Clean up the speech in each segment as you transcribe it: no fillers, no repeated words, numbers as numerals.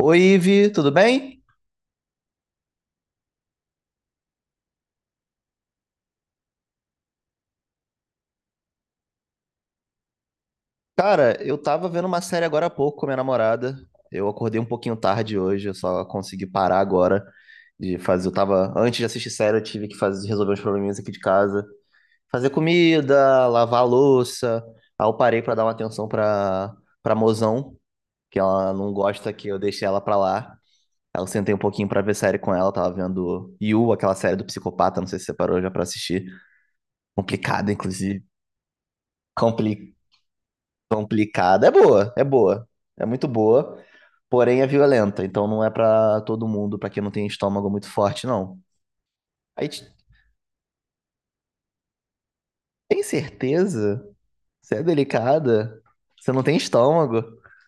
Oi, Ivi, tudo bem? Cara, eu tava vendo uma série agora há pouco com minha namorada. Eu acordei um pouquinho tarde hoje, eu só consegui parar agora de fazer. Eu tava, antes de assistir série, eu tive que fazer, resolver uns probleminhas aqui de casa, fazer comida, lavar a louça. Aí eu parei pra dar uma atenção pra para mozão, que ela não gosta que eu deixe ela pra lá. Aí eu sentei um pouquinho pra ver série com ela, tava vendo You, aquela série do psicopata, não sei se você parou já pra assistir. Complicada, inclusive. Complicada. É boa, é boa. É muito boa, porém é violenta. Então não é pra todo mundo, pra quem não tem estômago muito forte, não. Aí, tem certeza? Você é delicada? Você não tem estômago?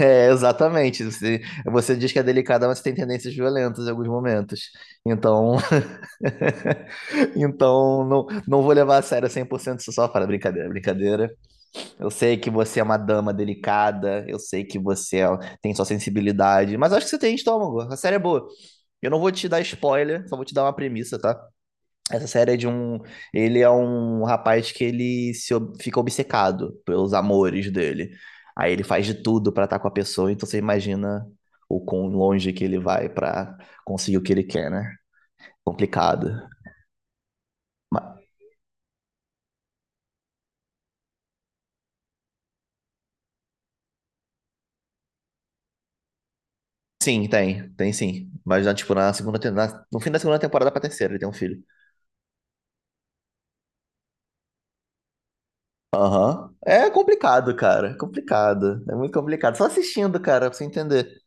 É, exatamente. Você diz que é delicada, mas você tem tendências violentas em alguns momentos. Então, então não, não vou levar a sério 100% isso só. Fala, brincadeira, brincadeira. Eu sei que você é uma dama delicada, eu sei que tem sua sensibilidade, mas acho que você tem estômago. A série é boa. Eu não vou te dar spoiler, só vou te dar uma premissa, tá? Essa série é de um. Ele é um rapaz que ele se ob- fica obcecado pelos amores dele. Aí ele faz de tudo pra estar com a pessoa, então você imagina o quão longe que ele vai pra conseguir o que ele quer, né? Complicado. Ma- Sim, tem sim. Mas já, tipo, na segunda, no fim da segunda temporada pra terceira, ele tem um filho. Aham. É complicado, cara. É complicado. É muito complicado. Só assistindo, cara, pra você entender.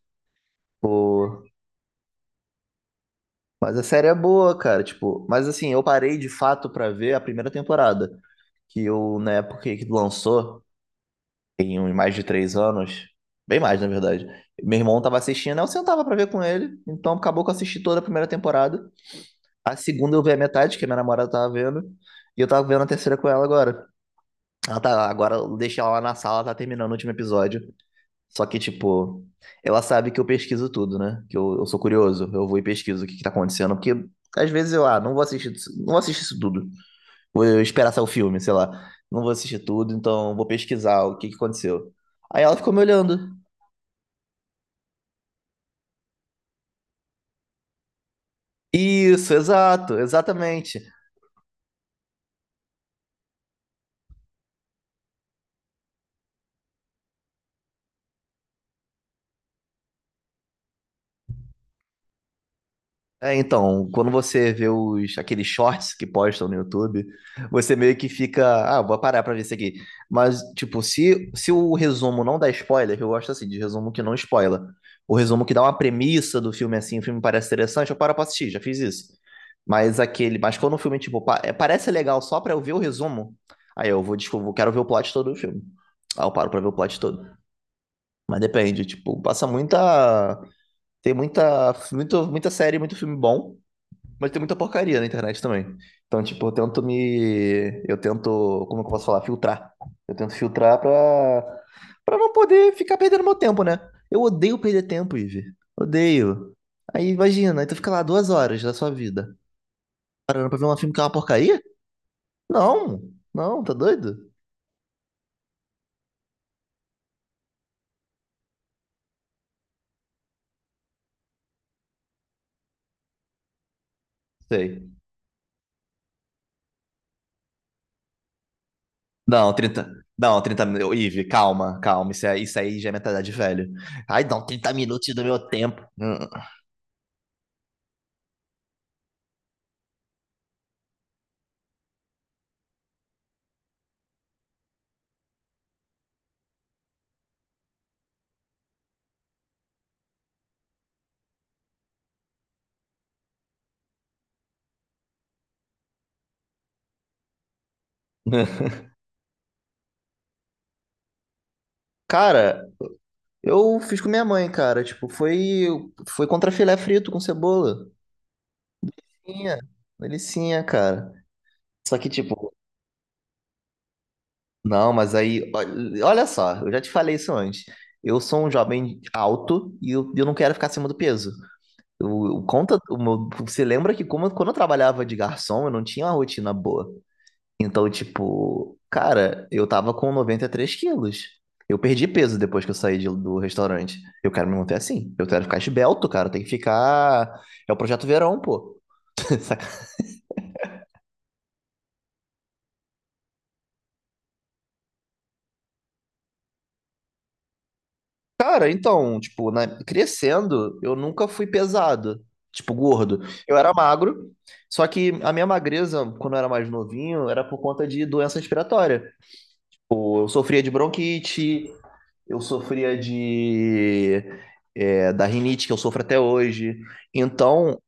Pô. Mas a série é boa, cara. Tipo, mas assim, eu parei de fato pra ver a primeira temporada. Que eu, na época que lançou, tem uns mais de 3 anos. Bem mais, na verdade. Meu irmão tava assistindo, eu sentava pra ver com ele. Então acabou que eu assisti toda a primeira temporada. A segunda eu vi a metade, que a minha namorada tava vendo. E eu tava vendo a terceira com ela agora. Ela tá, agora eu deixei ela lá na sala, tá terminando o último episódio. Só que, tipo, ela sabe que eu pesquiso tudo, né? Que eu sou curioso, eu vou e pesquiso o que que tá acontecendo, porque às vezes eu, ah, não vou assistir, não vou assistir isso tudo. Vou esperar sair o filme, sei lá. Não vou assistir tudo, então vou pesquisar o que que aconteceu. Aí ela ficou me olhando. Isso, exato, exatamente. É, então, quando você vê os, aqueles shorts que postam no YouTube, você meio que fica, ah, vou parar pra ver isso aqui. Mas, tipo, se o resumo não dá spoiler, eu gosto assim, de resumo que não spoiler. O resumo que dá uma premissa do filme assim, o filme parece interessante, eu paro pra assistir, já fiz isso. Mas aquele, mas quando o filme, tipo, é, parece legal só pra eu ver o resumo, aí eu vou, desculpa, quero ver o plot todo do filme. Aí eu paro pra ver o plot todo. Mas depende, tipo, passa muita, tem muita, muito, muita série, muito filme bom. Mas tem muita porcaria na internet também. Então, tipo, eu tento me. Eu tento. Como é que eu posso falar? Filtrar. Eu tento filtrar pra. Pra não poder ficar perdendo meu tempo, né? Eu odeio perder tempo, Ive. Odeio. Aí imagina, aí tu fica lá duas horas da sua vida. Parando pra ver um filme que é uma porcaria? Não, não, tá doido? Sei. Não, 30 Não, 30 minutos. Ive, calma, calma. Isso, é, isso aí já é mentalidade de velho. Ai, não, 30 minutos do meu tempo. Hum. Cara, eu fiz com minha mãe, cara. Tipo, foi contra filé frito com cebola. Delicinha, delicinha, cara. Só que, tipo, não, mas aí, olha só, eu já te falei isso antes. Eu sou um jovem alto e eu não quero ficar acima do peso. Eu conta, você lembra que como, quando eu trabalhava de garçom, eu não tinha uma rotina boa. Então, tipo, cara, eu tava com 93 quilos. Eu perdi peso depois que eu saí do restaurante. Eu quero me manter assim. Eu quero ficar esbelto, cara. Tem que ficar. É o projeto verão, pô. Cara, então, tipo, crescendo, eu nunca fui pesado. Tipo, gordo. Eu era magro, só que a minha magreza, quando eu era mais novinho, era por conta de doença respiratória. Pô, eu sofria de bronquite, eu sofria de. Da rinite que eu sofro até hoje. Então,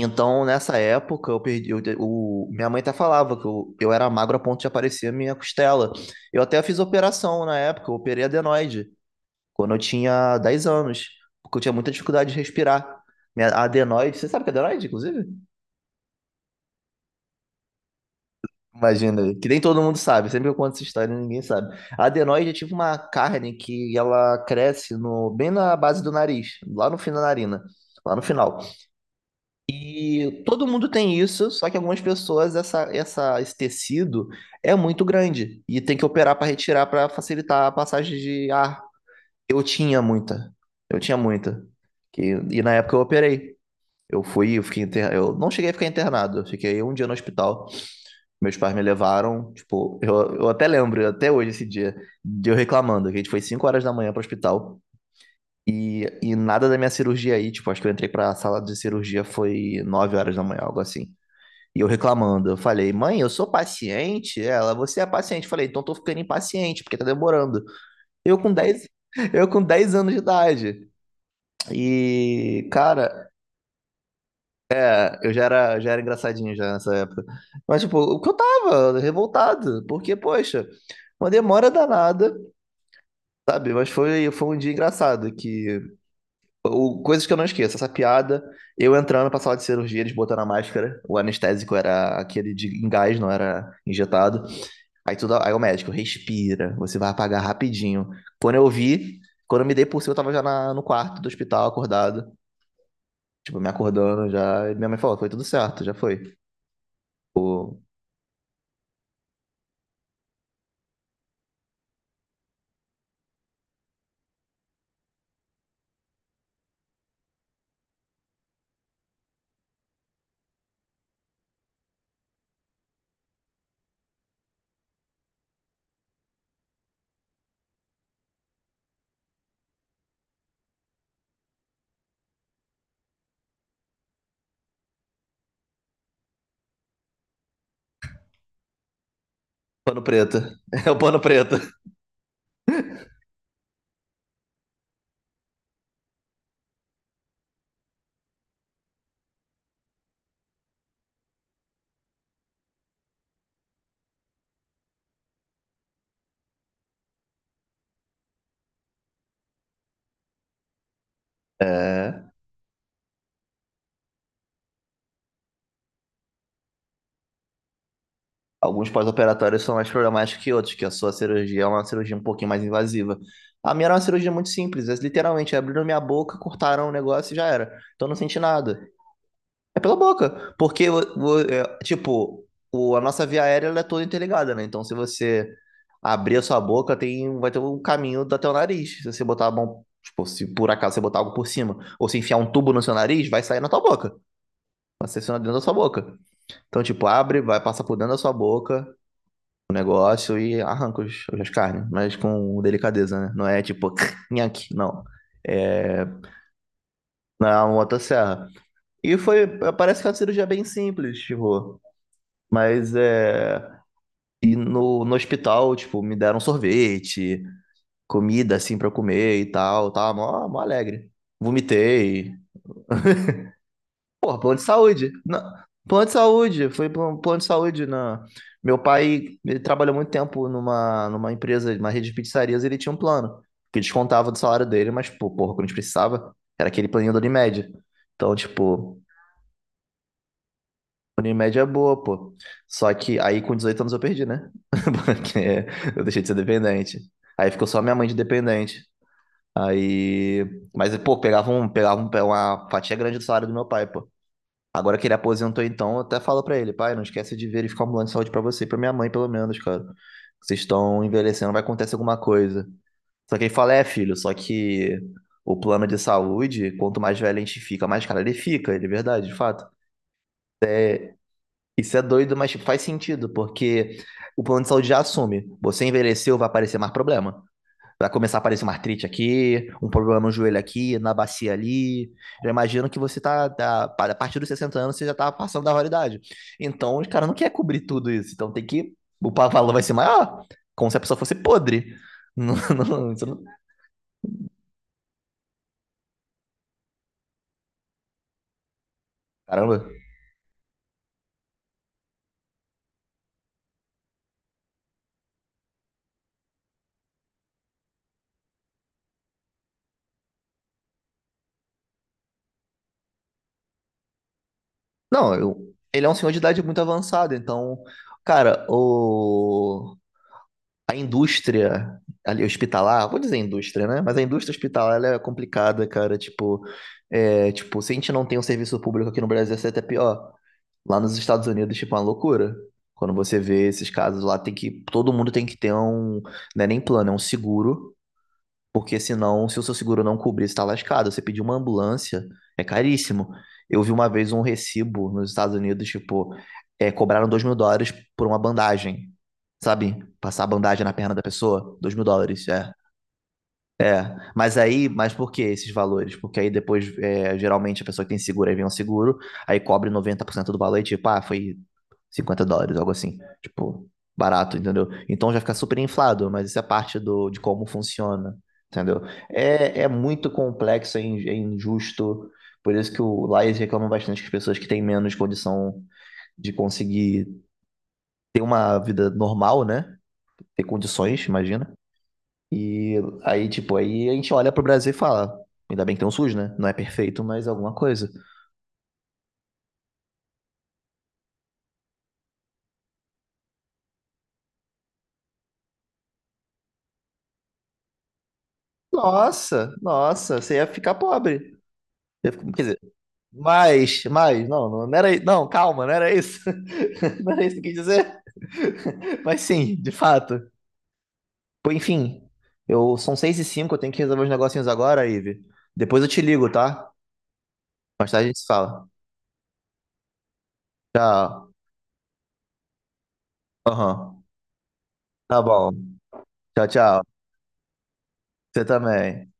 Nessa época, eu perdi. Minha mãe até falava que eu era magro a ponto de aparecer a minha costela. Eu até fiz operação na época, eu operei adenoide, quando eu tinha 10 anos, porque eu tinha muita dificuldade de respirar. Minha a adenoide, você sabe que é adenoide, inclusive? Imagina, aí, que nem todo mundo sabe, sempre que eu conto essa história, ninguém sabe. A adenoide é tipo uma carne que ela cresce no, bem na base do nariz, lá no fim da narina, lá no final. E todo mundo tem isso, só que algumas pessoas essa, esse tecido é muito grande e tem que operar para retirar para facilitar a passagem de ar. Eu tinha muita, eu tinha muita. E na época eu operei. Eu fui, eu fiquei inter... eu não cheguei a ficar internado, eu fiquei um dia no hospital. Meus pais me levaram, tipo, eu até lembro, até hoje esse dia, de eu reclamando, que a gente foi 5 horas da manhã para o hospital. E nada da minha cirurgia aí, tipo, acho que eu entrei pra sala de cirurgia foi 9 horas da manhã, algo assim. E eu reclamando. Eu falei, mãe, eu sou paciente? Ela, você é paciente. Eu falei, então tô ficando impaciente, porque tá demorando. Eu com 10 Eu com 10 anos de idade. E, cara, eu já era engraçadinho já nessa época. Mas, tipo, o que eu tava revoltado, porque, poxa, uma demora danada, sabe? Mas foi, foi um dia engraçado, que o, coisas que eu não esqueço, essa piada, eu entrando pra sala de cirurgia, eles botando a máscara, o anestésico era aquele de em gás, não era injetado. Aí, o médico respira, você vai apagar rapidinho. Quando eu vi, quando eu me dei por cima, eu tava já no quarto do hospital, acordado. Tipo, me acordando já. E minha mãe falou: foi tudo certo, já foi. Pano preto. É o pano preto. É. Alguns pós-operatórios são mais problemáticos que outros, que a sua cirurgia é uma cirurgia um pouquinho mais invasiva. A minha era uma cirurgia muito simples. Eles literalmente abriram minha boca, cortaram o negócio e já era. Então eu não senti nada. É pela boca, porque, é, tipo, a nossa via aérea ela é toda interligada, né? Então, se você abrir a sua boca, tem, vai ter um caminho até o nariz. Se você botar a mão, tipo, se por acaso você botar algo por cima, ou se enfiar um tubo no seu nariz, vai sair na tua boca, vai sair dentro da sua boca. Então, tipo, abre, vai passar por dentro da sua boca o negócio e arranca os, as carnes, mas com delicadeza, né? Não é tipo, nhaque, não. É na motosserra. E foi, parece que é uma cirurgia bem simples, tipo. Mas é. E no, no hospital, tipo, me deram um sorvete, comida assim pra eu comer e tal. Tava mó, mó alegre. Vomitei. Porra, plano de saúde. Plano de saúde, foi plano de saúde. Meu pai ele trabalhou muito tempo numa, numa empresa, numa rede de pizzarias, e ele tinha um plano, que descontava do salário dele, mas, pô, porra, quando a gente precisava, era aquele planinho do Unimed. Então, tipo, Unimed é boa, pô. Só que aí com 18 anos eu perdi, né? Porque eu deixei de ser dependente. Aí ficou só minha mãe de dependente. Aí. Mas, pô, uma fatia grande do salário do meu pai, pô. Agora que ele aposentou, então, eu até falo pra ele, pai, não esquece de verificar um plano de saúde pra você e pra minha mãe, pelo menos, cara. Vocês estão envelhecendo, vai acontecer alguma coisa. Só que ele fala, é, filho, só que o plano de saúde, quanto mais velho a gente fica, mais caro ele fica, ele é verdade, de fato. Isso é doido, mas tipo, faz sentido, porque o plano de saúde já assume. Você envelheceu, vai aparecer mais problema. Vai começar a aparecer uma artrite aqui, um problema no joelho aqui, na bacia ali. Já imagino que você tá, a partir dos 60 anos, você já tá passando da validade. Então, os caras não querem cobrir tudo isso. Então, tem que. Valor vai ser maior. Como se a pessoa fosse podre. Não, não, Caramba. Não, ele é um senhor de idade muito avançada. Então, cara, o. A indústria ali hospitalar, vou dizer indústria, né? Mas a indústria hospitalar ela é complicada, cara. Tipo, é, tipo, se a gente não tem um serviço público aqui no Brasil, isso é até pior. Lá nos Estados Unidos, tipo, é uma loucura. Quando você vê esses casos lá, tem que, todo mundo tem que ter um, não é nem plano, é um seguro porque senão, se o seu seguro não cobrir, você tá lascado. Você pedir uma ambulância, é caríssimo. Eu vi uma vez um recibo nos Estados Unidos, tipo, é, cobraram US$ 2.000 por uma bandagem. Sabe? Passar a bandagem na perna da pessoa, US$ 2.000, é. É, mas aí, mas por que esses valores? Porque aí depois, é, geralmente, a pessoa que tem seguro, aí vem um seguro, aí cobre 90% do valor e tipo, ah, foi US$ 50, algo assim. Tipo, barato, entendeu? Então já fica super inflado, mas isso é parte do, de como funciona, entendeu? É, é muito complexo, é, é injusto. Por isso que o lá eles reclamam bastante que as pessoas que têm menos condição de conseguir ter uma vida normal, né? Ter condições, imagina e aí, tipo, aí a gente olha pro Brasil e fala, ainda bem que tem um SUS, né? Não é perfeito, mas é alguma coisa. Nossa, nossa, você ia ficar pobre. Quer dizer, mas, não, não não era, não, calma, não era isso. Não era isso que eu quis dizer. Mas sim, de fato. Pô, enfim, eu são 6h05, eu tenho que resolver os negocinhos agora, Ive. Depois eu te ligo, tá? Mais tarde a gente se fala. Tchau. Aham. Tá bom. Tchau, tchau. Você também.